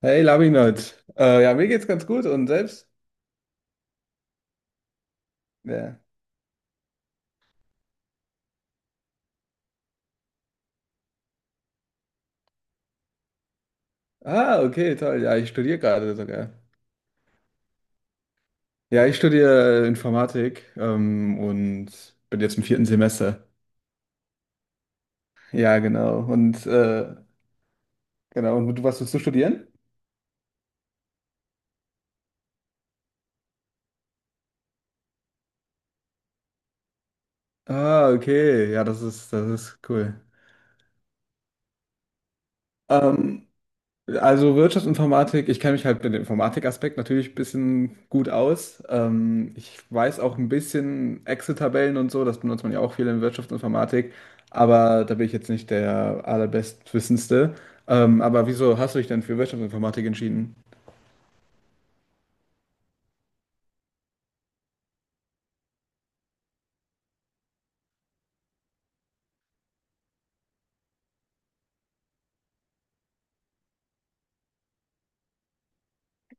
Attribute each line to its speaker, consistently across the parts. Speaker 1: Hey, Labinot. Ja, mir geht's ganz gut und selbst? Ja. Ah, okay, toll. Ja, ich studiere gerade sogar. Ja, ich studiere Informatik und bin jetzt im vierten Semester. Ja, genau. Und genau. Und du, was willst du studieren? Ah, okay. Ja, das ist cool. Ähm, Also Wirtschaftsinformatik, ich kenne mich halt mit dem Informatikaspekt natürlich ein bisschen gut aus. Ich weiß auch ein bisschen Excel-Tabellen und so, das benutzt man ja auch viel in Wirtschaftsinformatik, aber da bin ich jetzt nicht der allerbestwissendste. Aber wieso hast du dich denn für Wirtschaftsinformatik entschieden?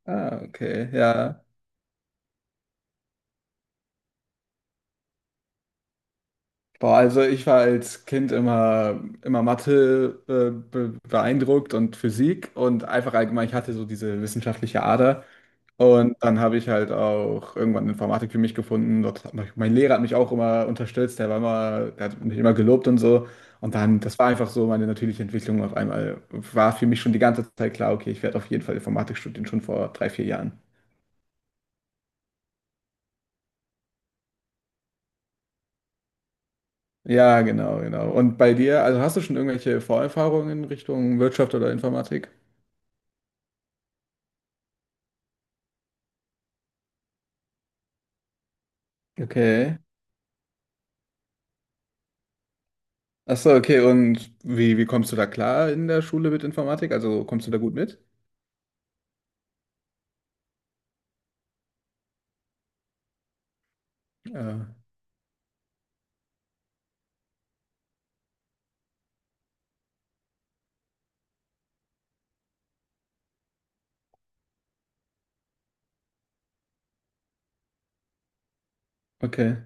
Speaker 1: Ah, okay, ja. Boah, also ich war als Kind immer, immer Mathe be beeindruckt und Physik und einfach allgemein, ich hatte so diese wissenschaftliche Ader. Und dann habe ich halt auch irgendwann Informatik für mich gefunden. Dort hat mich, mein Lehrer hat mich auch immer unterstützt, der war immer, der hat mich immer gelobt und so. Und dann, das war einfach so meine natürliche Entwicklung auf einmal. War für mich schon die ganze Zeit klar, okay, ich werde auf jeden Fall Informatik studieren, schon vor drei, vier Jahren. Ja, genau, genau. Und bei dir, also hast du schon irgendwelche Vorerfahrungen in Richtung Wirtschaft oder Informatik? Okay. Ach so, okay. Und wie, wie kommst du da klar in der Schule mit Informatik? Also kommst du da gut mit? Ja. Okay.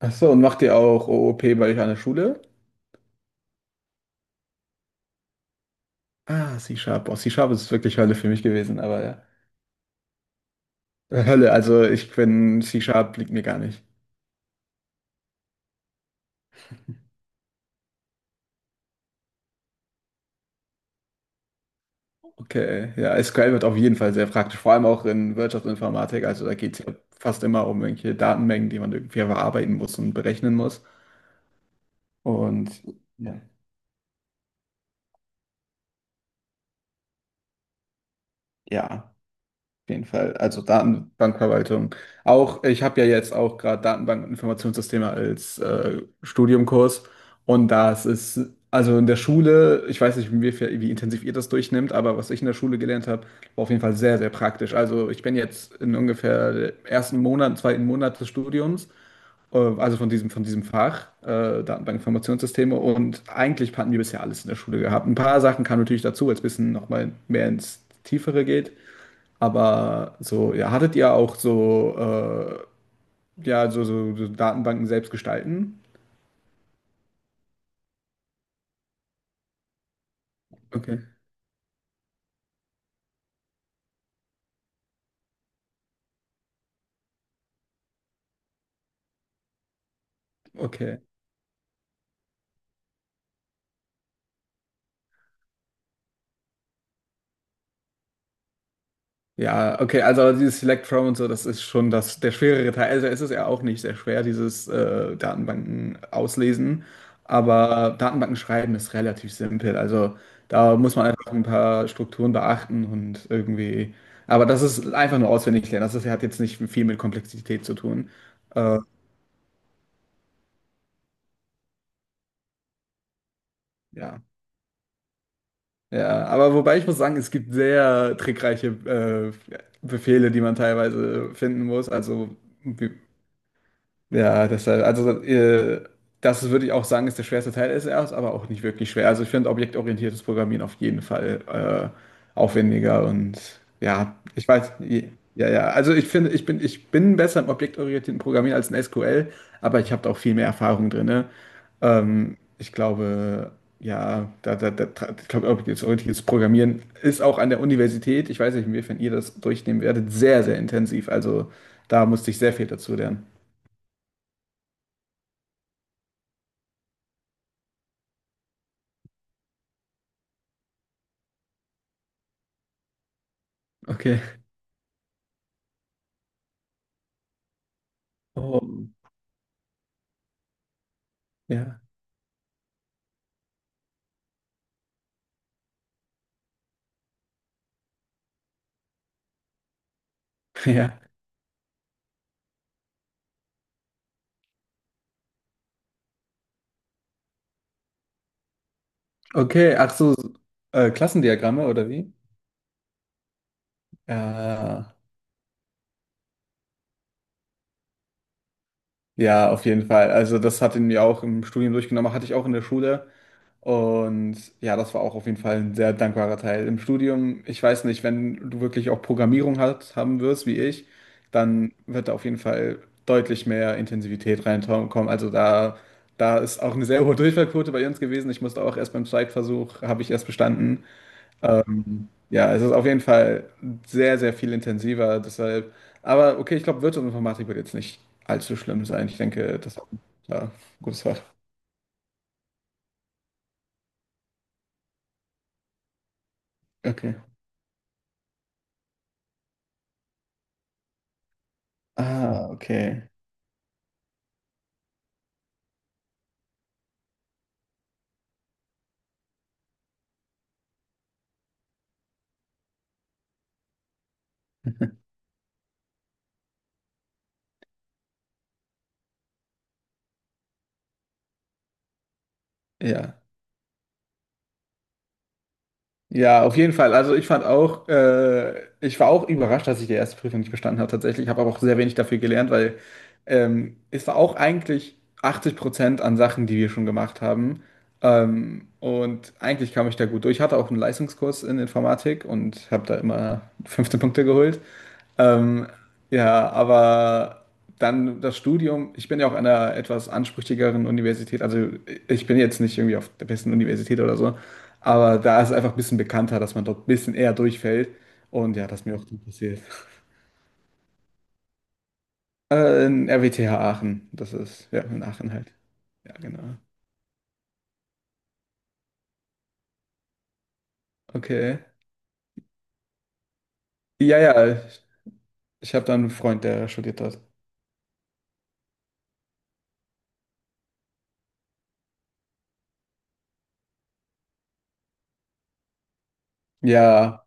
Speaker 1: Ach so, und macht ihr auch OOP bei euch an der Schule? Ah, C-Sharp. Oh, C-Sharp ist wirklich Hölle für mich gewesen, aber ja. Hölle, also ich bin, C-Sharp liegt mir gar nicht. Okay, ja, SQL wird auf jeden Fall sehr praktisch, vor allem auch in Wirtschaftsinformatik. Also da geht es ja fast immer um irgendwelche Datenmengen, die man irgendwie verarbeiten muss und berechnen muss. Und ja. Ja. Auf jeden Fall. Also Datenbankverwaltung. Auch, ich habe ja jetzt auch gerade Datenbank- und Informationssysteme als Studiumkurs. Und das ist, also in der Schule, ich weiß nicht, wie, wie intensiv ihr das durchnimmt, aber was ich in der Schule gelernt habe, war auf jeden Fall sehr, sehr praktisch. Also ich bin jetzt in ungefähr dem ersten Monat, zweiten Monat des Studiums, also von diesem Fach, Datenbank- Informationssysteme. Und eigentlich hatten wir bisher alles in der Schule gehabt. Ein paar Sachen kamen natürlich dazu, als es ein bisschen nochmal mehr ins Tiefere geht. Aber so, ja, hattet ihr auch so, ja, so, so, so Datenbanken selbst gestalten? Okay, okay. Ja, okay, also dieses Select From und so, das ist schon das, der schwerere Teil. Also es ist ja auch nicht sehr schwer, dieses Datenbanken auslesen. Aber Datenbanken schreiben ist relativ simpel. Also da muss man einfach ein paar Strukturen beachten und irgendwie. Aber das ist einfach nur auswendig lernen. Das ist, hat jetzt nicht viel mit Komplexität zu tun. Äh, ja. Ja, aber wobei ich muss sagen, es gibt sehr trickreiche Befehle, die man teilweise finden muss. Also wie- ja, deshalb, also das würde ich auch sagen, ist der schwerste Teil ist erst, aber auch nicht wirklich schwer. Also ich finde objektorientiertes Programmieren auf jeden Fall aufwendiger und ja, ich weiß, ja, ja. Also ich finde, ich bin besser im objektorientierten Programmieren als in SQL, aber ich habe da auch viel mehr Erfahrung drin. Ne? Ich glaube, ja, ich glaube, objektorientiertes Programmieren ist auch an der Universität, ich weiß nicht, inwiefern ihr das durchnehmen werdet, sehr, sehr intensiv. Also da, musste ich sehr viel dazu lernen. Okay. Oh, ja, ja. Okay, ach so, Klassendiagramme oder wie? Ja, ja, auf jeden Fall. Also das hat ihn mir auch im Studium durchgenommen, hatte ich auch in der Schule. Und ja, das war auch auf jeden Fall ein sehr dankbarer Teil. Im Studium, ich weiß nicht, wenn du wirklich auch Programmierung hat, haben wirst, wie ich, dann wird da auf jeden Fall deutlich mehr Intensivität reinkommen. Also da, da ist auch eine sehr hohe Durchfallquote bei uns gewesen. Ich musste auch erst beim Zweitversuch, habe ich erst bestanden. Ja, es ist auf jeden Fall sehr, sehr viel intensiver, deshalb. Aber okay, ich glaube, Wirtschaftsinformatik wird jetzt nicht allzu schlimm sein. Ich denke, das ist ja, gutes Fach. Okay. Ah, okay. Ja. Ja, auf jeden Fall. Also ich fand auch, ich war auch überrascht, dass ich die erste Prüfung nicht bestanden habe tatsächlich. Ich habe aber auch sehr wenig dafür gelernt, weil es war auch eigentlich 80% an Sachen, die wir schon gemacht haben. Und eigentlich kam ich da gut durch. Ich hatte auch einen Leistungskurs in Informatik und habe da immer 15 Punkte geholt. Ähm, ja, aber dann das Studium. Ich bin ja auch an einer etwas ansprüchigeren Universität. Also ich bin jetzt nicht irgendwie auf der besten Universität oder so, aber da ist es einfach ein bisschen bekannter, dass man dort ein bisschen eher durchfällt. Und ja, das ist mir auch gut passiert. In RWTH Aachen. Das ist, ja, in Aachen halt. Ja, genau. Okay. Ja, ja, ich habe da einen Freund, der studiert dort. Ja.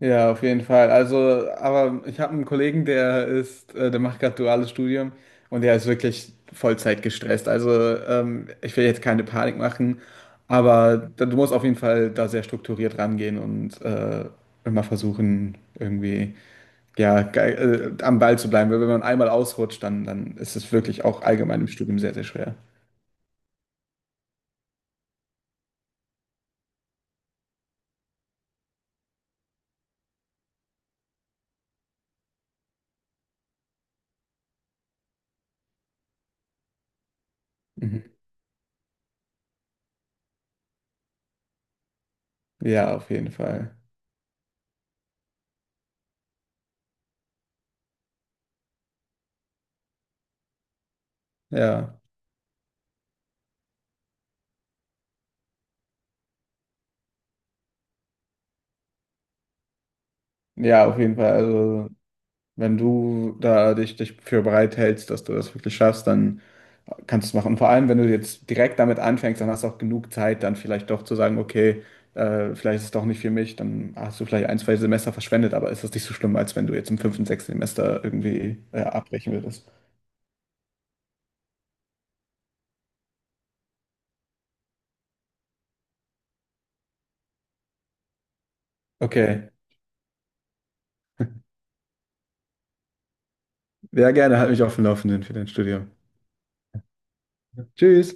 Speaker 1: Ja, auf jeden Fall. Also, aber ich habe einen Kollegen, der macht gerade duales Studium und der ist wirklich Vollzeit gestresst. Also, ich will jetzt keine Panik machen, aber du musst auf jeden Fall da sehr strukturiert rangehen und immer versuchen, irgendwie ja, am Ball zu bleiben. Weil wenn man einmal ausrutscht, dann, dann ist es wirklich auch allgemein im Studium sehr, sehr schwer. Mhm. Ja, auf jeden Fall. Ja, ja, auf jeden Fall. Also. Wenn du da dich für bereit hältst, dass du das wirklich schaffst, dann kannst du es machen. Und vor allem, wenn du jetzt direkt damit anfängst, dann hast du auch genug Zeit, dann vielleicht doch zu sagen, okay, vielleicht ist es doch nicht für mich, dann hast du vielleicht ein, zwei Semester verschwendet, aber ist das nicht so schlimm, als wenn du jetzt im fünften, sechsten Semester irgendwie abbrechen würdest. Okay, sehr gerne, halt mich auf dem Laufenden für dein Studium. Tschüss!